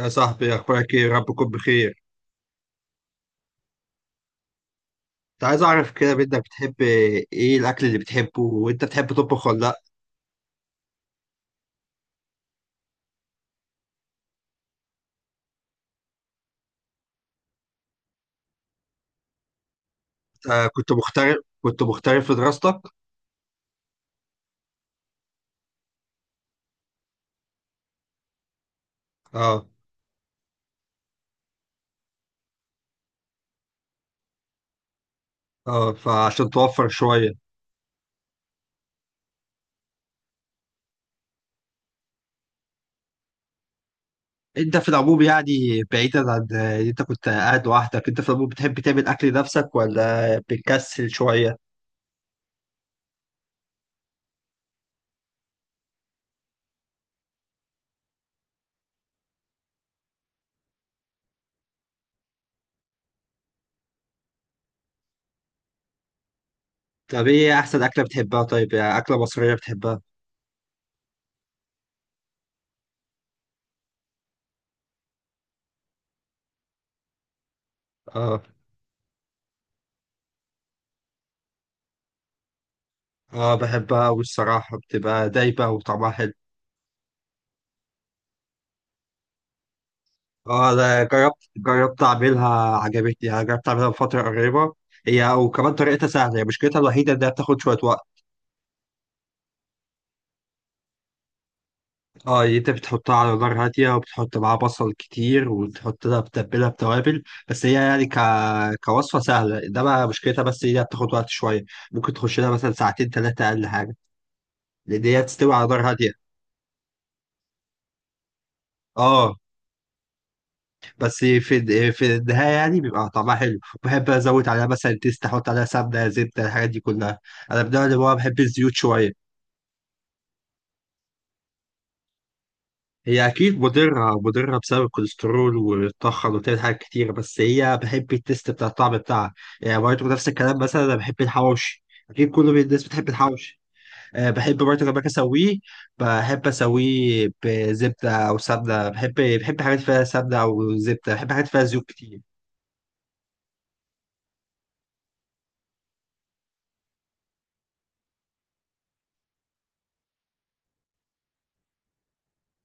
يا صاحبي، اخبارك ايه؟ رب تكون بخير. كنت عايز اعرف كده منك، بتحب ايه الاكل اللي بتحبه؟ وانت بتحب تطبخ ولا لا؟ آه، كنت مغترب في دراستك؟ اه، اه، فعشان توفر شويه. انت في العموم يعني، بعيدا عن ان انت كنت قاعد لوحدك، انت في العموم بتحب تعمل اكل لنفسك ولا بتكسل شويه؟ طب ايه احسن اكله بتحبها؟ طيب يعني اكله مصريه بتحبها؟ اه، اه، بحبها، والصراحه بتبقى دايبه وطعمها حلو. اه، ده جربت اعملها، عجبتني، انا جربت اعملها بفتره قريبه. هي وكمان طريقتها سهله، هي مشكلتها الوحيده انها بتاخد شويه وقت. اه، يعني انت بتحطها على نار هاديه، وبتحط معاها بصل كتير، وتحط لها بتتبلها بتوابل. بس هي يعني كوصفه سهله، انما مشكلتها بس هي بتاخد وقت شويه. ممكن تخش لها مثلا ساعتين ثلاثه اقل حاجه، لان هي بتستوي على نار هاديه. اه، بس في النهايه يعني بيبقى طعمها حلو، بحب ازود عليها مثلا تيست، احط عليها سمنه، زبده، الحاجات دي كلها. انا من النوع اللي هو بحب الزيوت شويه. هي اكيد مضره، مضره بسبب الكوليسترول والطحن، وبتعمل حاجات كتير، بس هي بحب التيست بتاع الطعم بتاعها. يعني برضه نفس الكلام، مثلا انا بحب الحواوشي، اكيد كل الناس بتحب الحواوشي. أه، بحب برضه لما أجي اسويه، بحب اسويه بزبده او سمنه، بحب، بحب حاجات فيها سمنه او زبده، بحب حاجات فيها زيوت كتير.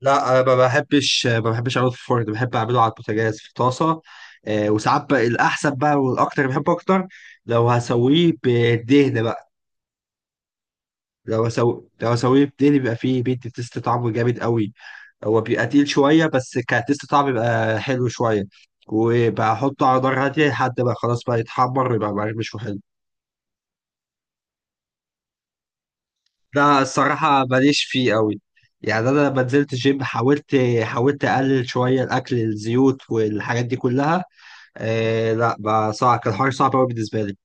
لا، ما بحبش اعمله في الفرن، بحب اعمله على البوتاجاز في طاسه. وساعات بقى الاحسن بقى والاكتر بحبه اكتر، لو هسويه بدهن بقى. لو هسويه بدهن بيبقى فيه بيدي تيست طعمه جامد قوي. هو بيبقى تقيل شويه، بس كتيست طعم بيبقى حلو شويه، وبحطه على نار هاديه لحد ما خلاص بقى يتحمر ويبقى مقرمش وحلو. ده الصراحه ماليش فيه قوي. يعني انا لما نزلت الجيم، حاولت اقلل شويه الاكل، الزيوت والحاجات دي كلها. آه، لا بقى صعب، كان حوار صعب قوي بالنسبه لي.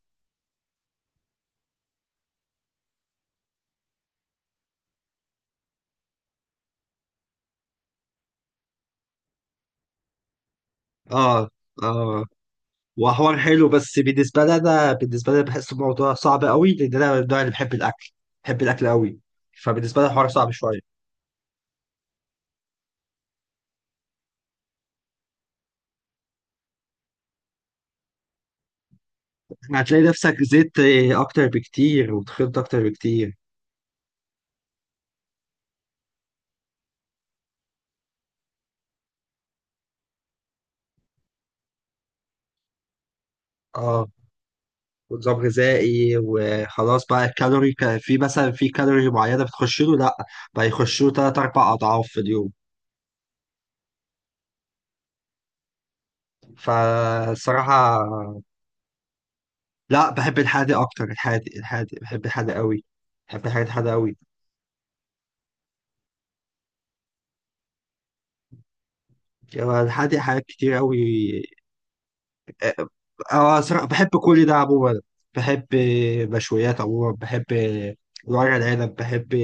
اه، اه، وحوار حلو، بس بالنسبه لي بحس الموضوع صعب قوي، لان انا من النوع اللي بحب الاكل، بحب الاكل قوي. فبالنسبه لي الحوار صعب شويه. هتلاقي نفسك زيت اكتر بكتير وتخنت اكتر بكتير. اه، ونظام غذائي وخلاص بقى، الكالوري كان في مثلا في كالوري معينه بتخش له، لا، بقى يخش له ثلاث اربع اضعاف في اليوم. فالصراحه، لا، بحب الحادق اكتر، الحادق، الحادق، بحب الحادق قوي، بحب الحاجات الحادقه قوي. هو الحادق حاجات كتير قوي. اه. صراحة بحب كل ده عموما، بحب، مشويات عموما بحب، ورق العنب بحب،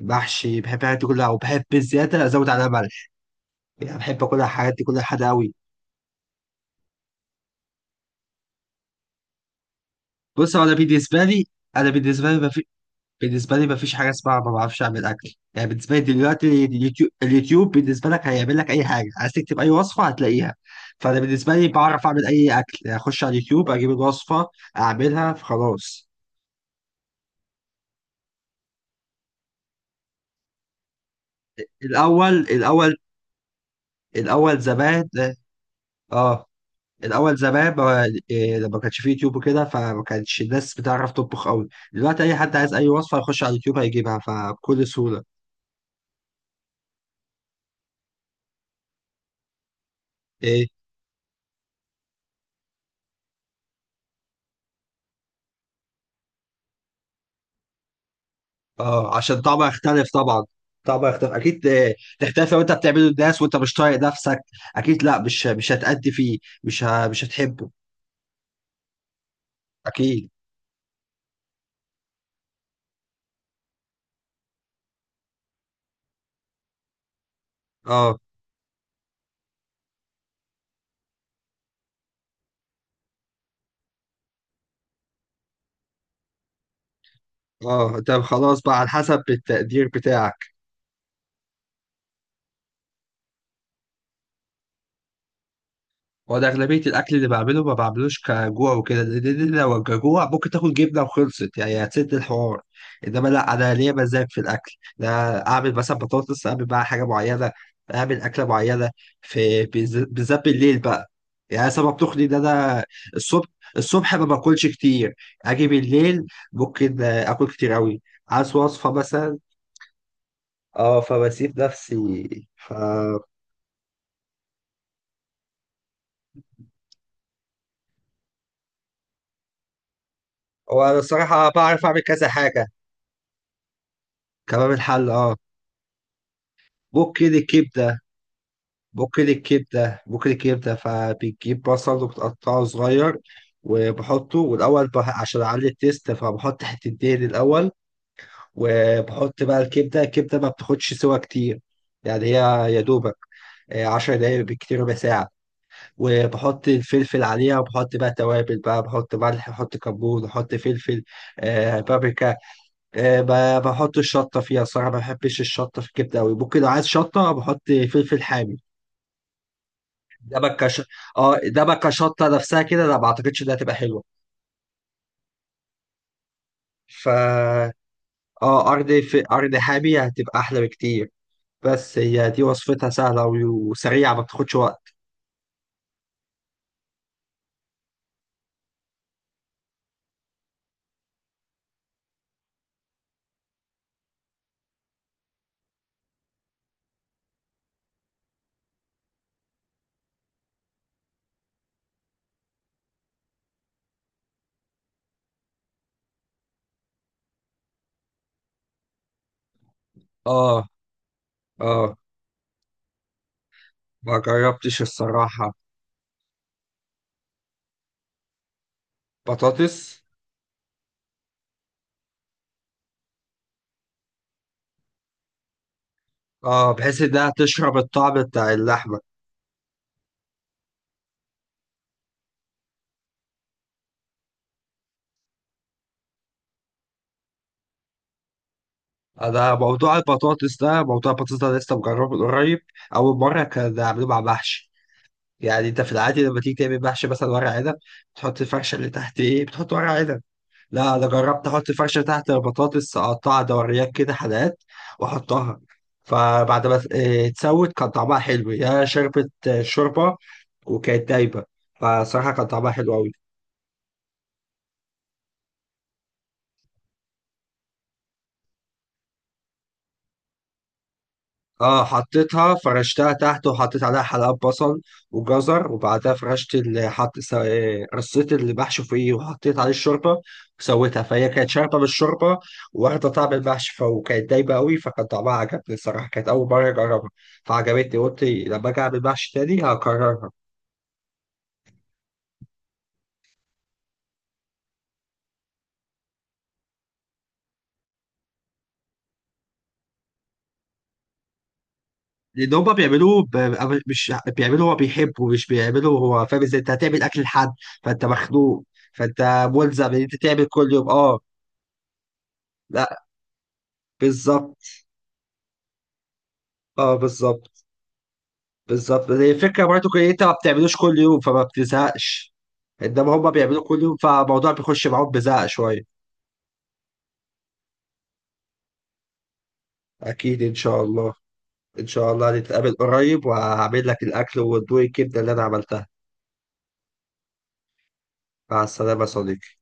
محشي بحب، الحاجات دي كلها، وبحب الزيادة ازود عليها ملح. يعني بحب كل الحاجات دي كلها حادقه قوي. بص، هو انا بالنسبه لي مفيش، بالنسبة لي مفيش حاجة اسمها ما بعرفش أعمل أكل. يعني بالنسبة لي دلوقتي اليوتيوب بالنسبة لك هيعمل لك أي حاجة، عايز تكتب أي وصفة هتلاقيها. فأنا بالنسبة لي بعرف أعمل أي أكل، يعني أخش على اليوتيوب أجيب الوصفة أعملها فخلاص. الأول الأول الأول زمان آه الأول زمان ما- إيه، لما كانش فيه يوتيوب وكده، فما كانش الناس بتعرف تطبخ أوي. دلوقتي أي حد عايز أي وصفة يخش على اليوتيوب هيجيبها، فبكل سهولة. إيه؟ اه، عشان طبعا يختلف، طبعا يختلف اكيد. تختلف لو انت بتعمله للناس وانت مش طايق نفسك. اكيد، لا، مش هتأدي فيه، مش هتحبه. اكيد. اه، اه، انت خلاص بقى على حسب التقدير بتاعك. وانا اغلبيه الاكل اللي بعمله ما بعملوش كجوع وكده، لان لو كجوع ممكن تاكل جبنه وخلصت، يعني هتسد الحوار. انما لا، انا ليا مزاج في الاكل. لا، اعمل مثلا بطاطس، اعمل بقى حاجه معينه، اعمل اكله معينه، في بالذات بالليل بقى. يعني سبب تخلي ان انا، الصبح الصبح ما باكلش كتير، اجي بالليل ممكن اكل كتير قوي. عايز وصفه مثلا. اه، فبسيب نفسي. ف هو انا الصراحه بعرف اعمل كذا حاجه. كباب الحل، اه. بوكيل الكبدة بوكيل الكبدة فبتجيب بصل وبتقطعه صغير، وبحطه، والأول عشان أعلي التيست فبحط حتة دهن الأول. وبحط بقى الكبدة، الكبدة ما بتاخدش سوا كتير. يعني هي يا دوبك، 10 دقايق بالكتير ربع ساعة. وبحط الفلفل عليها، وبحط بقى توابل بقى، بحط ملح، بحط كمون، بحط فلفل، بابريكا. بحط الشطة فيها، صراحة ما بحبش الشطة في الكبدة أوي. ممكن لو عايز شطة بحط فلفل حامي. ده بقى كش... اه ده بقى كشطه نفسها كده، لا ما اعتقدش انها هتبقى حلوه. ف اه ارض في ارض حامي هتبقى احلى بكتير. بس هي دي وصفتها سهله وسريعه، ما بتاخدش وقت. اه، اه، ما جربتش الصراحه. بطاطس، اه، بحيث انها تشرب الطعم بتاع اللحمه. انا موضوع البطاطس ده لسه مجربه من قريب. اول مره كان عاملين مع محشي. يعني انت في العادي لما تيجي تعمل محشي مثلا ورق عنب، بتحط الفرشه اللي تحت، ايه؟ بتحط ورق عنب. لا، انا جربت احط فرشه تحت، البطاطس اقطعها دوريات كده، حلقات، واحطها، فبعد ما ت- إيه، تسود كان طعمها حلو، يا شربت شوربه، وكانت دايبه. فصراحه كان طعمها حلو قوي. اه، حطيتها فرشتها تحت وحطيت عليها حلقات بصل وجزر، وبعدها فرشت اللي حط س- آه، رصيت اللي بحشو فيه، وحطيت عليه الشوربه وسويتها، فهي كانت شاربه بالشوربه واخده طعم المحشي، فكانت دايبه قوي، فكان طعمها عجبني. الصراحه كانت اول مره اجربها، فعجبتني، قلت لما اجي اعمل محشي تاني هكررها. لان هما بيعملوه مش بيعملوه هو بيحبه، مش بيعملوه هو فاهم، ازاي انت هتعمل اكل لحد؟ فانت مخنوق، فانت ملزم ان انت تعمل كل يوم، اه. لا، بالظبط، اه، بالظبط هي الفكره برضو ان انت ما بتعملوش كل يوم، فما بتزهقش. انما هما بيعملوه كل يوم، فالموضوع بيخش معاهم بزهق شويه. اكيد، ان شاء الله، ان شاء الله نتقابل قريب وهعمل لك الاكل وادوق الكبده اللي انا عملتها. مع السلامه يا صديقي.